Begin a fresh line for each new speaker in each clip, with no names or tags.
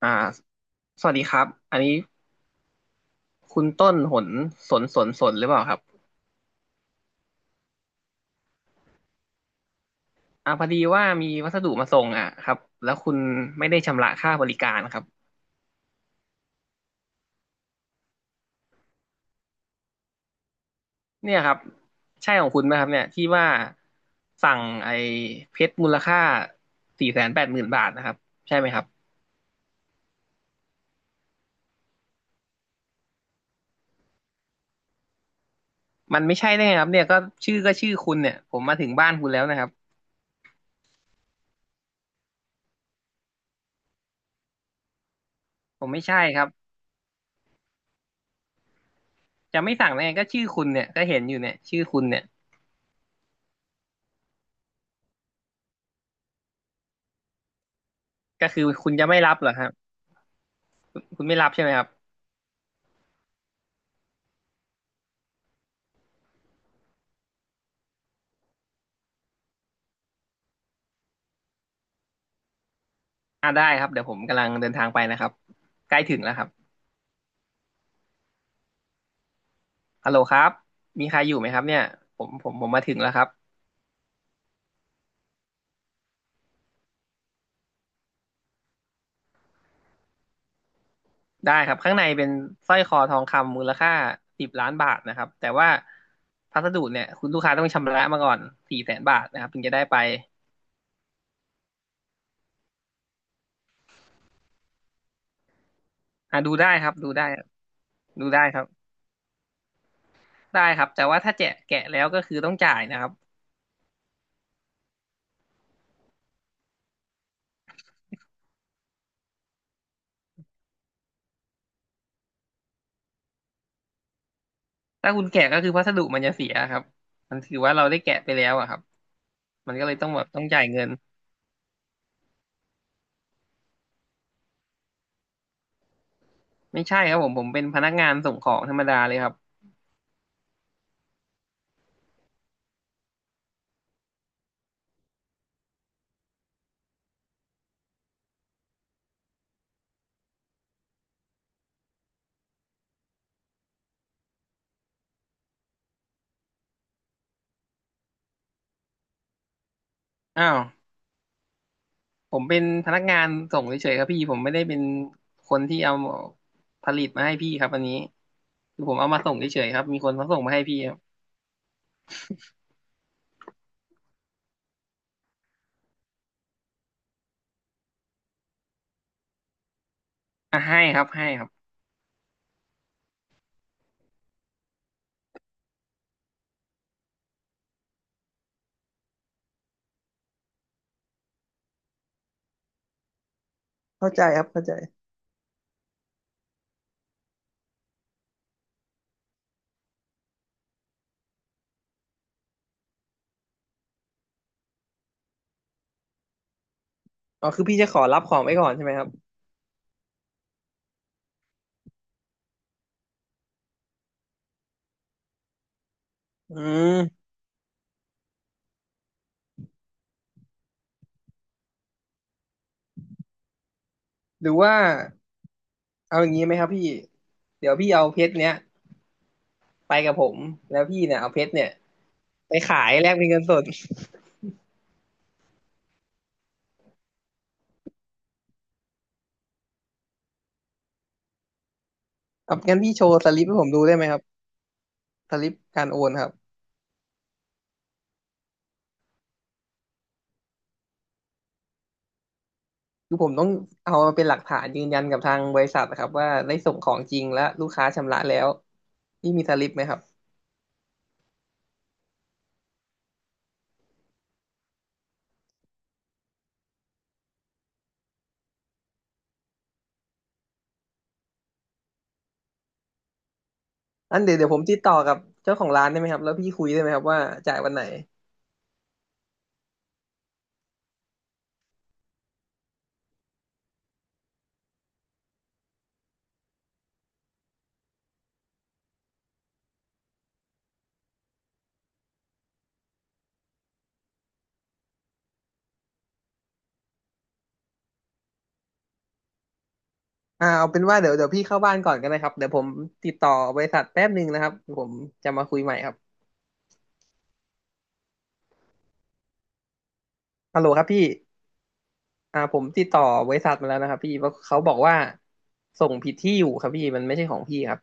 อ่าสวัสดีครับอันนี้คุณต้นหนสนหรือเปล่าครับพอดีว่ามีวัสดุมาส่งอ่ะครับแล้วคุณไม่ได้ชำระค่าบริการครับเนี่ยครับใช่ของคุณไหมครับเนี่ยที่ว่าสั่งไอ้เพชรมูลค่า480,000 บาทนะครับใช่ไหมครับมันไม่ใช่ได้ไงครับเนี่ยก็ชื่อก็ชื่อคุณเนี่ยผมมาถึงบ้านคุณแล้วนะครับผมไม่ใช่ครับจะไม่สั่งได้ไงก็ชื่อคุณเนี่ยก็เห็นอยู่เนี่ยชื่อคุณเนี่ยก็คือคุณจะไม่รับเหรอครับคุณไม่รับใช่ไหมครับ อ่าได้ครับเดี๋ยวผมกำลังเดินทางไปนะครับใกล้ถึงแล้วครับฮัลโหลครับมีใครอยู่ไหมครับเนี่ยผมมาถึงแล้วครับได้ครับข้างในเป็นสร้อยคอทองคำมูลค่า10,000,000 บาทนะครับแต่ว่าพัสดุเนี่ยคุณลูกค้าต้องชำระมาก่อน400,000 บาทนะครับถึงจะได้ไปอ่าดูได้ครับดูได้ดูได้ครับได้ครับแต่ว่าถ้าแกะแล้วก็คือต้องจ่ายนะครับถ้าคุณแกะก็คือพัสดุมันจะเสียครับมันถือว่าเราได้แกะไปแล้วอะครับมันก็เลยต้องแบบต้องจ่ายเงินไม่ใช่ครับผมผมเป็นพนักงานส่งของธรรมดาเลยครับ อ้าวผมเป็นพนักงานส่งเฉยๆครับพี่ผมไม่ได้เป็นคนที่เอาผลิตมาให้พี่ครับอันนี้คือผมเอามาส่งเฉยๆครับมีคนเขาส่งมาให้พี่ครับอ่ะให้ครับให้ครับเข้าใจครับเข้าใจอ๋อคือพี่จะขอรับของไว้ก่อนใช่ไหมครับอืมหรือว่าเอาอย่างนี้ไหมครับพี่เดี๋ยวพี่เอาเพชรเนี้ยไปกับผมแล้วพี่เนี่ยเอาเพชรเนี่ยไปขายแลกเป็นเงินสด ครับงั้นพี่โชว์สลิปให้ผมดูได้ไหมครับสลิปการโอนครับ คือผมต้องเอามาเป็นหลักฐานยืนยันกับทางบริษัทนะครับว่าได้ส่งของจริงและลูกค้าชำระแล้วพี่มีสลิปไหมครับอันเดี๋ยวเดี๋ยวผมติดต่อกับเจ้าของร้านได้ไหมครับแล้วพี่คุยได้ไหมครับว่าจ่ายวันไหนเอาเป็นว่าเดี๋ยวเดี๋ยวพี่เข้าบ้านก่อนก็ได้ครับเดี๋ยวผมติดต่อบริษัทแป๊บหนึ่งนะครับผมจะมาคุยใหม่ครับฮัลโหลครับพี่ผมติดต่อบริษัทมาแล้วนะครับพี่ว่าเขาบอกว่าส่งผิดที่อยู่ครับพี่มันไม่ใช่ของพี่ครับ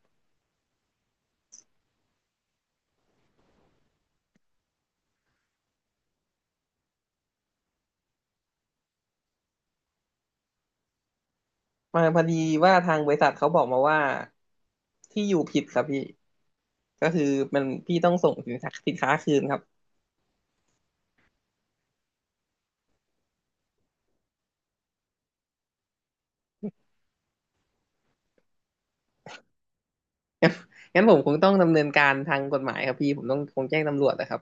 มาพอดีว่าทางบริษัทเขาบอกมาว่าที่อยู่ผิดครับพี่ ก็คือมันพี่ต้องส่งสินค้าคืนครับงั้นผมคงต้องดำเนินการทางกฎหมายครับพี่ผมต้องคงแจ้งตำรวจนะครับ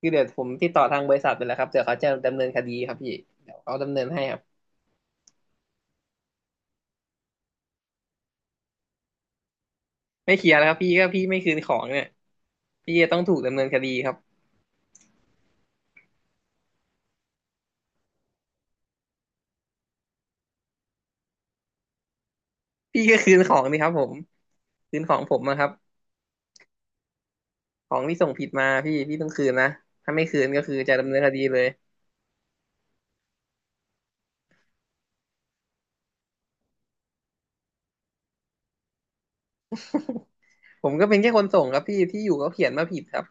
คือเดี๋ยวผมติดต่อทางบริษัทไปแล้วครับเดี๋ยวเขาจะดำเนินคดีครับพี่เดี๋ยวเขาดำเนินให้ครับไม่เคลียร์แล้วครับพี่ก็พี่ไม่คืนของเนี่ยพี่จะต้องถูกดำเนินคดีครับพี่ก็คืนของนี่ครับผมคืนของผมนะครับของที่ส่งผิดมาพี่พี่ต้องคืนนะถ้าไม่คืนก็คือจะดำเนินคดีเลยผมก็เป็นแค่คนส่งครับพี่ที่อยู่ก็เขียนมาผิดครับ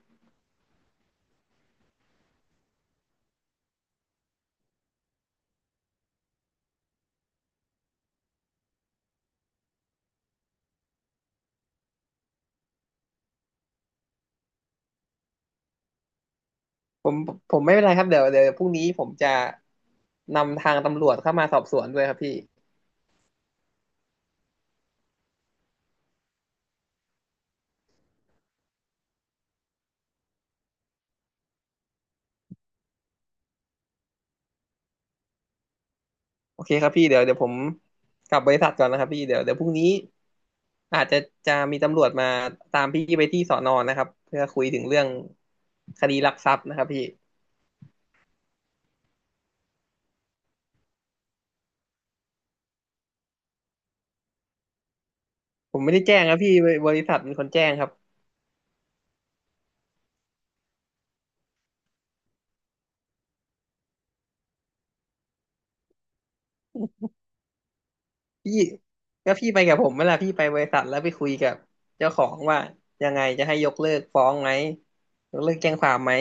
ผมผมไม่เป็นไรครับเดี๋ยวเดี๋ยวพรุ่งนี้ผมจะนำทางตำรวจเข้ามาสอบสวนด้วยครับพี่โอเคครับพี่เดี๋ยวเดี๋ยวผมกลับบริษัทก่อนนะครับพี่เดี๋ยวเดี๋ยวพรุ่งนี้อาจจะจะมีตำรวจมาตามพี่ไปที่สอนอนะครับเพื่อคุยถึงเรื่องคดีลักทรัพย์นะครับพี่ผมไม่ได้แจ้งครับพี่บริษัทเป็นคนแจ้งครับพี่ก็พี่ไปกับผมเวลาพี่ไปบริษัทแล้วไปคุยกับเจ้าของว่ายังไงจะให้ยกเลิกฟ้องไหมยกเลิกแจ้งความไหม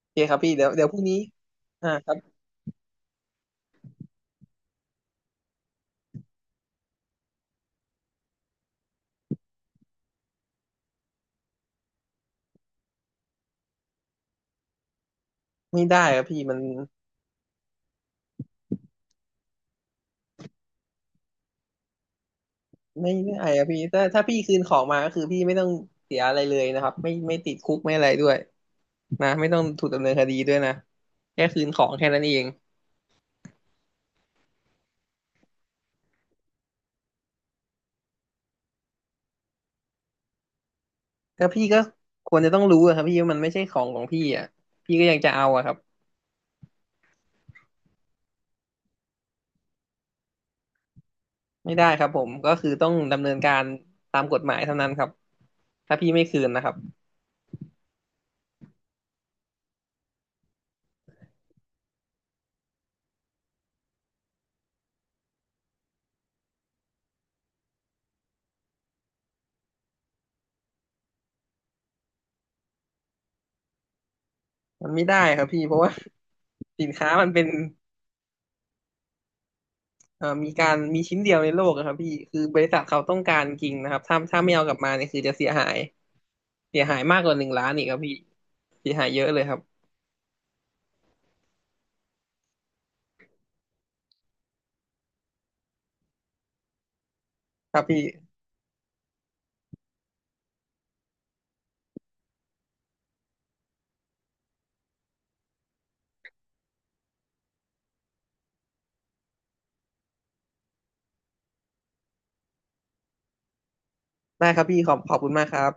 โอเคครับพี่เดี๋ยวเดี๋ยวพรุ่งนี้อ่าครับ ไม่ได้ครับพี่มันไม่ได้ครับพี่ถ้าพี่คืนของมาก็คือพี่ไม่ต้องเสียอะไรเลยนะครับไม่ไม่ติดคุกไม่อะไรด้วยนะไม่ต้องถูกดำเนินคดีด้วยนะแค่คืนของแค่นั้นเองก็พี่ก็ควรจะต้องรู้อะครับพี่ว่ามันไม่ใช่ของของพี่อ่ะพี่ก็ยังจะเอาอะครับไม่ได้ครับผมก็คือต้องดำเนินการตามกฎหมายเท่านั้นครับถ้าพี่ไม่คืนนะครับมันไม่ได้ครับพี่เพราะว่า สินค้ามันเป็น มีการมีชิ้นเดียวในโลกอะครับพี่ คือบริษัทเขาต้องการจริงนะครับถ้าไม่เอากลับมาเนี่ยคือจะเสียหาย เสียหายมากกว่า1,000,000อีกครับพี่เสียหายเยอะเลยครับครับพี่ได้ครับพี่ขอบคุณมากครับ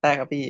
ได้ครับพี่